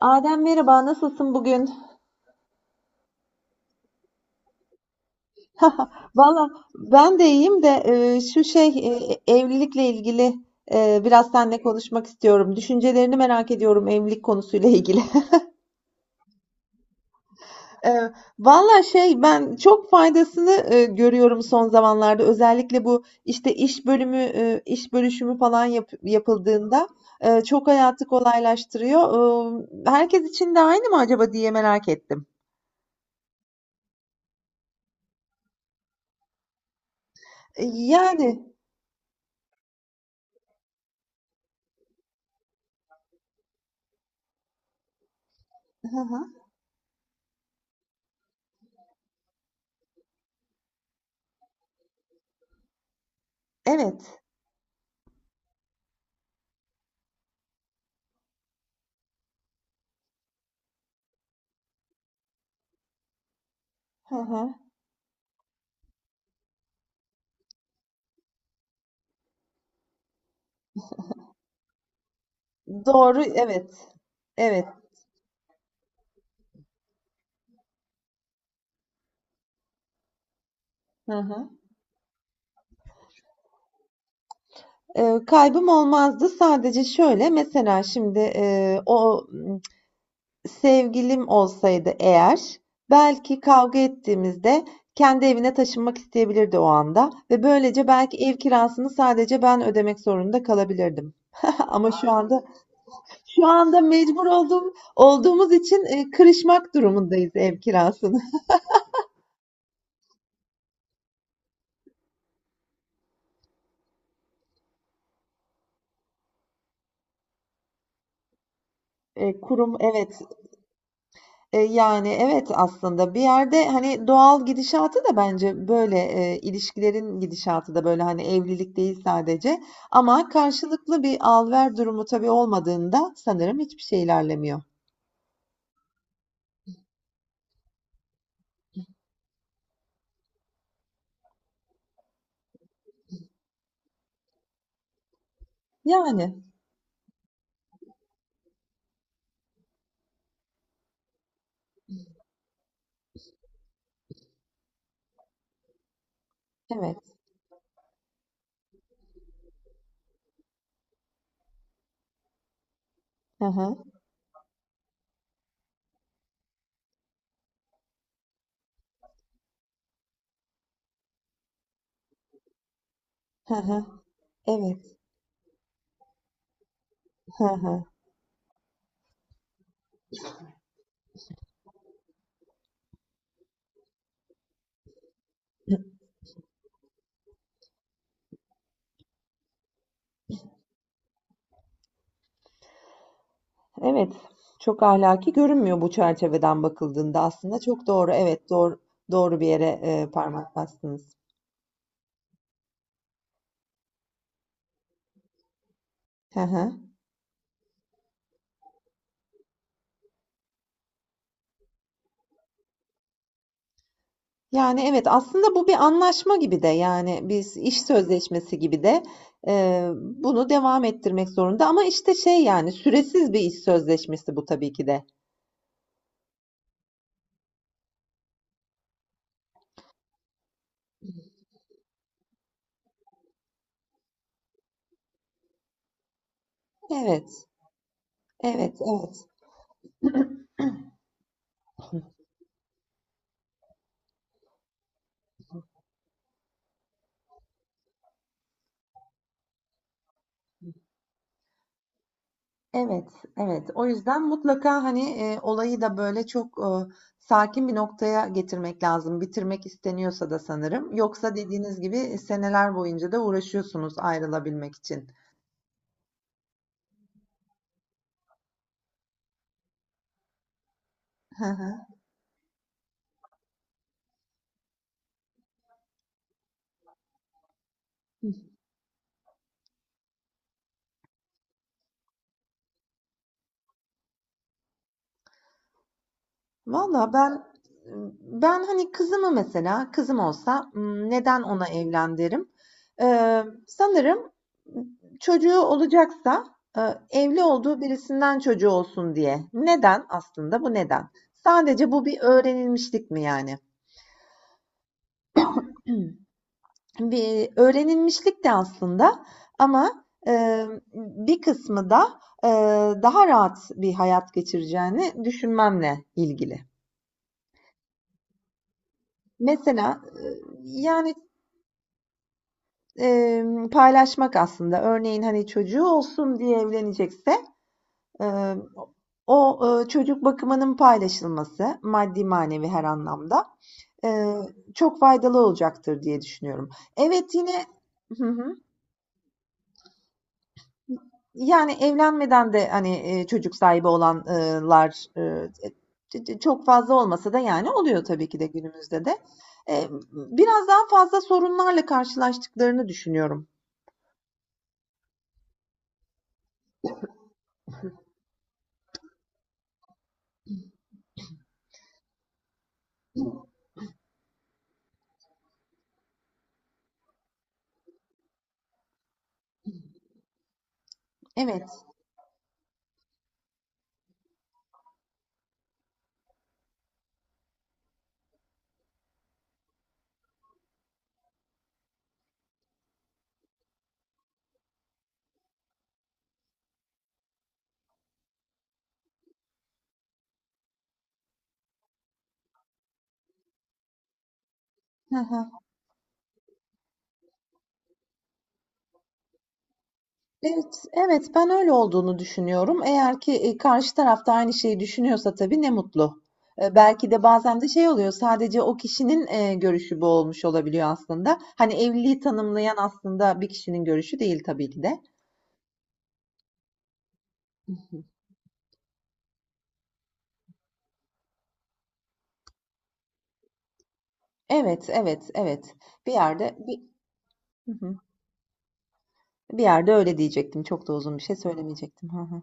Adem merhaba, nasılsın bugün? Valla ben de iyiyim de şu evlilikle ilgili biraz seninle konuşmak istiyorum. Düşüncelerini merak ediyorum evlilik konusuyla ilgili. E, Valla ben çok faydasını görüyorum son zamanlarda. Özellikle bu işte iş bölümü, iş bölüşümü falan yapıldığında çok hayatı kolaylaştırıyor. Herkes için de aynı mı acaba diye merak ettim. Yani, hı hı, evet. Hı hı. Doğru, evet. Evet. Hı hı. Kaybım olmazdı. Sadece şöyle, mesela şimdi sevgilim olsaydı eğer, belki kavga ettiğimizde kendi evine taşınmak isteyebilirdi o anda ve böylece belki ev kirasını sadece ben ödemek zorunda kalabilirdim. Ama şu anda mecbur olduğumuz için kırışmak durumundayız ev kirasını. Kurum, evet. Yani evet aslında bir yerde hani doğal gidişatı da bence böyle ilişkilerin gidişatı da böyle hani evlilik değil sadece ama karşılıklı bir al ver durumu tabii olmadığında sanırım hiçbir şey ilerlemiyor. Yani evet. Hı hı. Hı hı. Evet. Hı hı. Evet. Çok ahlaki görünmüyor bu çerçeveden bakıldığında, aslında çok doğru. Evet, doğru, doğru bir yere parmak bastınız. Hı hı. Yani evet aslında bu bir anlaşma gibi de, yani biz iş sözleşmesi gibi de bunu devam ettirmek zorunda, ama işte şey yani süresiz bir iş sözleşmesi bu tabii ki de. Evet, evet, evet. Evet, evet. O yüzden mutlaka hani olayı da böyle çok sakin bir noktaya getirmek lazım. Bitirmek isteniyorsa da sanırım. Yoksa dediğiniz gibi seneler boyunca da uğraşıyorsunuz ayrılabilmek için. Valla ben hani, kızımı mesela kızım olsa, neden ona evlen derim? Sanırım çocuğu olacaksa, evli olduğu birisinden çocuğu olsun diye. Neden aslında? Bu neden? Sadece bu bir öğrenilmişlik mi yani? Bir öğrenilmişlik de aslında, ama, bir kısmı da, daha rahat bir hayat geçireceğini düşünmemle ilgili. Mesela, yani paylaşmak aslında. Örneğin, hani, çocuğu olsun diye evlenecekse, emm, çocuk bakımının paylaşılması, maddi manevi her anlamda, eee, çok faydalı olacaktır diye düşünüyorum. Evet, yine hı hı. Yani, evlenmeden de, hani, çocuk sahibi olanlar, çok fazla olmasa da, yani, oluyor tabii ki de günümüzde de. Biraz daha fazla sorunlarla karşılaştıklarını düşünüyorum. Evet. Hı hı. Evet, evet, ben öyle olduğunu düşünüyorum. Eğer ki, karşı taraf da aynı şeyi düşünüyorsa tabii ne mutlu. Belki de bazen de şey oluyor, sadece o kişinin, görüşü bu olmuş olabiliyor aslında. Hani, evliliği tanımlayan aslında bir kişinin görüşü değil tabii ki de. Hı hı. Evet, evet, evet. Bir yerde bir hı hı. Bir yerde öyle diyecektim. Çok da uzun bir şey söylemeyecektim. Hı hı.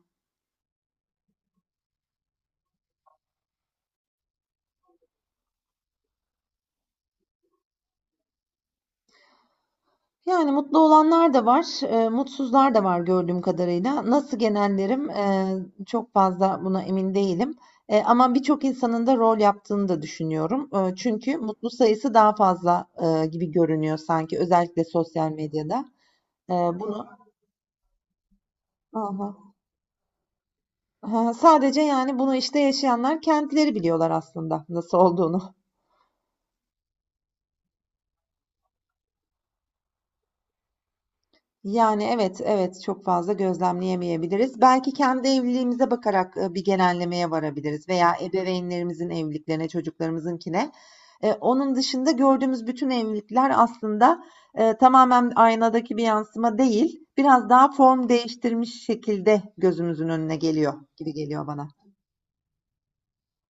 Yani, mutlu olanlar da var, mutsuzlar da var gördüğüm kadarıyla. Nasıl genellerim, çok fazla buna emin değilim, ama birçok insanın da rol yaptığını da düşünüyorum. Çünkü mutlu sayısı daha fazla, gibi görünüyor sanki, özellikle sosyal medyada. Bunu hı hı. Sadece, yani, bunu, işte, yaşayanlar kendileri biliyorlar aslında nasıl olduğunu. Yani, evet, evet, çok fazla gözlemleyemeyebiliriz. Belki kendi evliliğimize bakarak, bir genellemeye varabiliriz veya ebeveynlerimizin evliliklerine, çocuklarımızınkine. Onun dışında gördüğümüz bütün evlilikler aslında, tamamen aynadaki bir yansıma değil, biraz daha form değiştirmiş şekilde gözümüzün önüne geliyor gibi geliyor bana.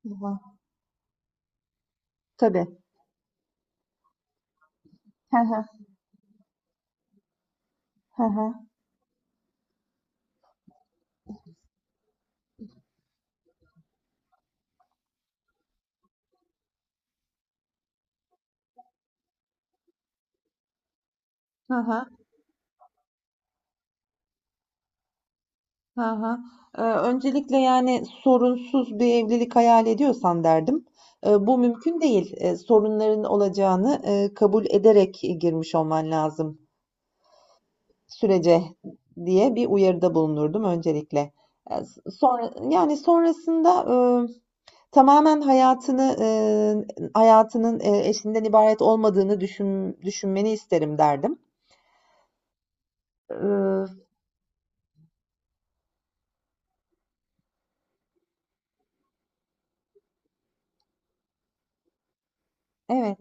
Hı hı. Tabii. He he. He he. Hı hı. Hı hı. Öncelikle yani sorunsuz bir evlilik hayal ediyorsan derdim. Bu mümkün değil. Sorunların olacağını kabul ederek girmiş olman lazım sürece, diye bir uyarıda bulunurdum öncelikle. Sonra yani sonrasında e, tamamen hayatının eşinden ibaret olmadığını düşünmeni isterim derdim. Ee, evet.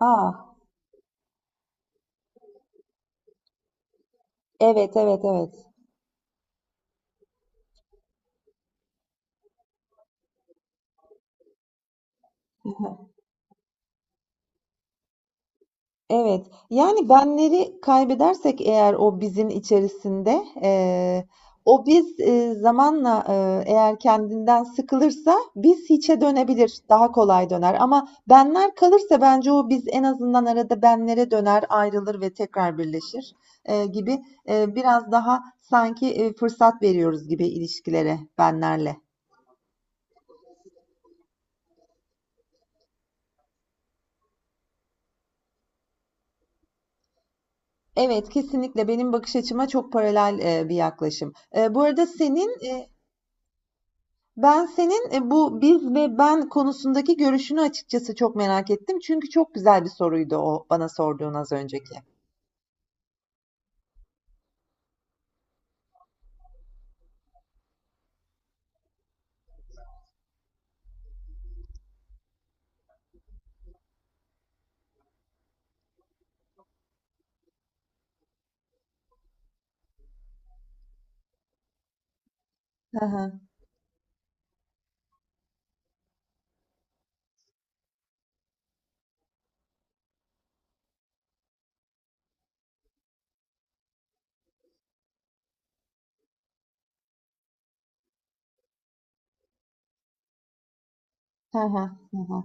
Aa, evet, evet, evet. Evet, yani benleri kaybedersek eğer o bizim içerisinde, o biz, zamanla, eğer kendinden sıkılırsa biz hiçe dönebilir, daha kolay döner. Ama benler kalırsa bence o biz en azından arada benlere döner, ayrılır ve tekrar birleşir, gibi, biraz daha sanki fırsat veriyoruz gibi ilişkilere benlerle. Evet, kesinlikle benim bakış açıma çok paralel bir yaklaşım. Bu arada senin ben senin bu biz ve ben konusundaki görüşünü açıkçası çok merak ettim. Çünkü çok güzel bir soruydu o bana sorduğun, az önceki. Hı hı, hı hı, hı hı,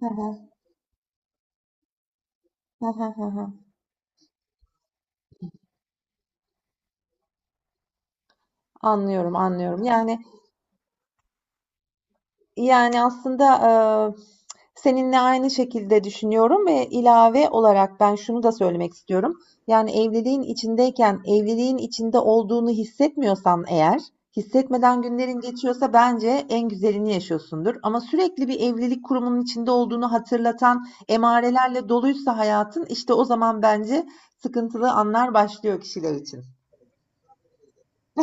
hı hı, hı hı, hı hı. Anlıyorum, anlıyorum. Yani yani, aslında, eee, seninle aynı şekilde düşünüyorum ve ilave olarak ben şunu da söylemek istiyorum. Yani, evliliğin içindeyken, evliliğin içinde olduğunu hissetmiyorsan eğer, hissetmeden günlerin geçiyorsa, bence en güzelini yaşıyorsundur. Ama sürekli bir evlilik kurumunun içinde olduğunu hatırlatan emarelerle doluysa hayatın, işte o zaman bence sıkıntılı anlar başlıyor kişiler için.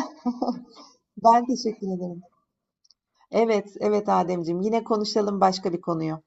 Ben teşekkür ederim. Evet, evet Ademciğim, yine konuşalım başka bir konuyu.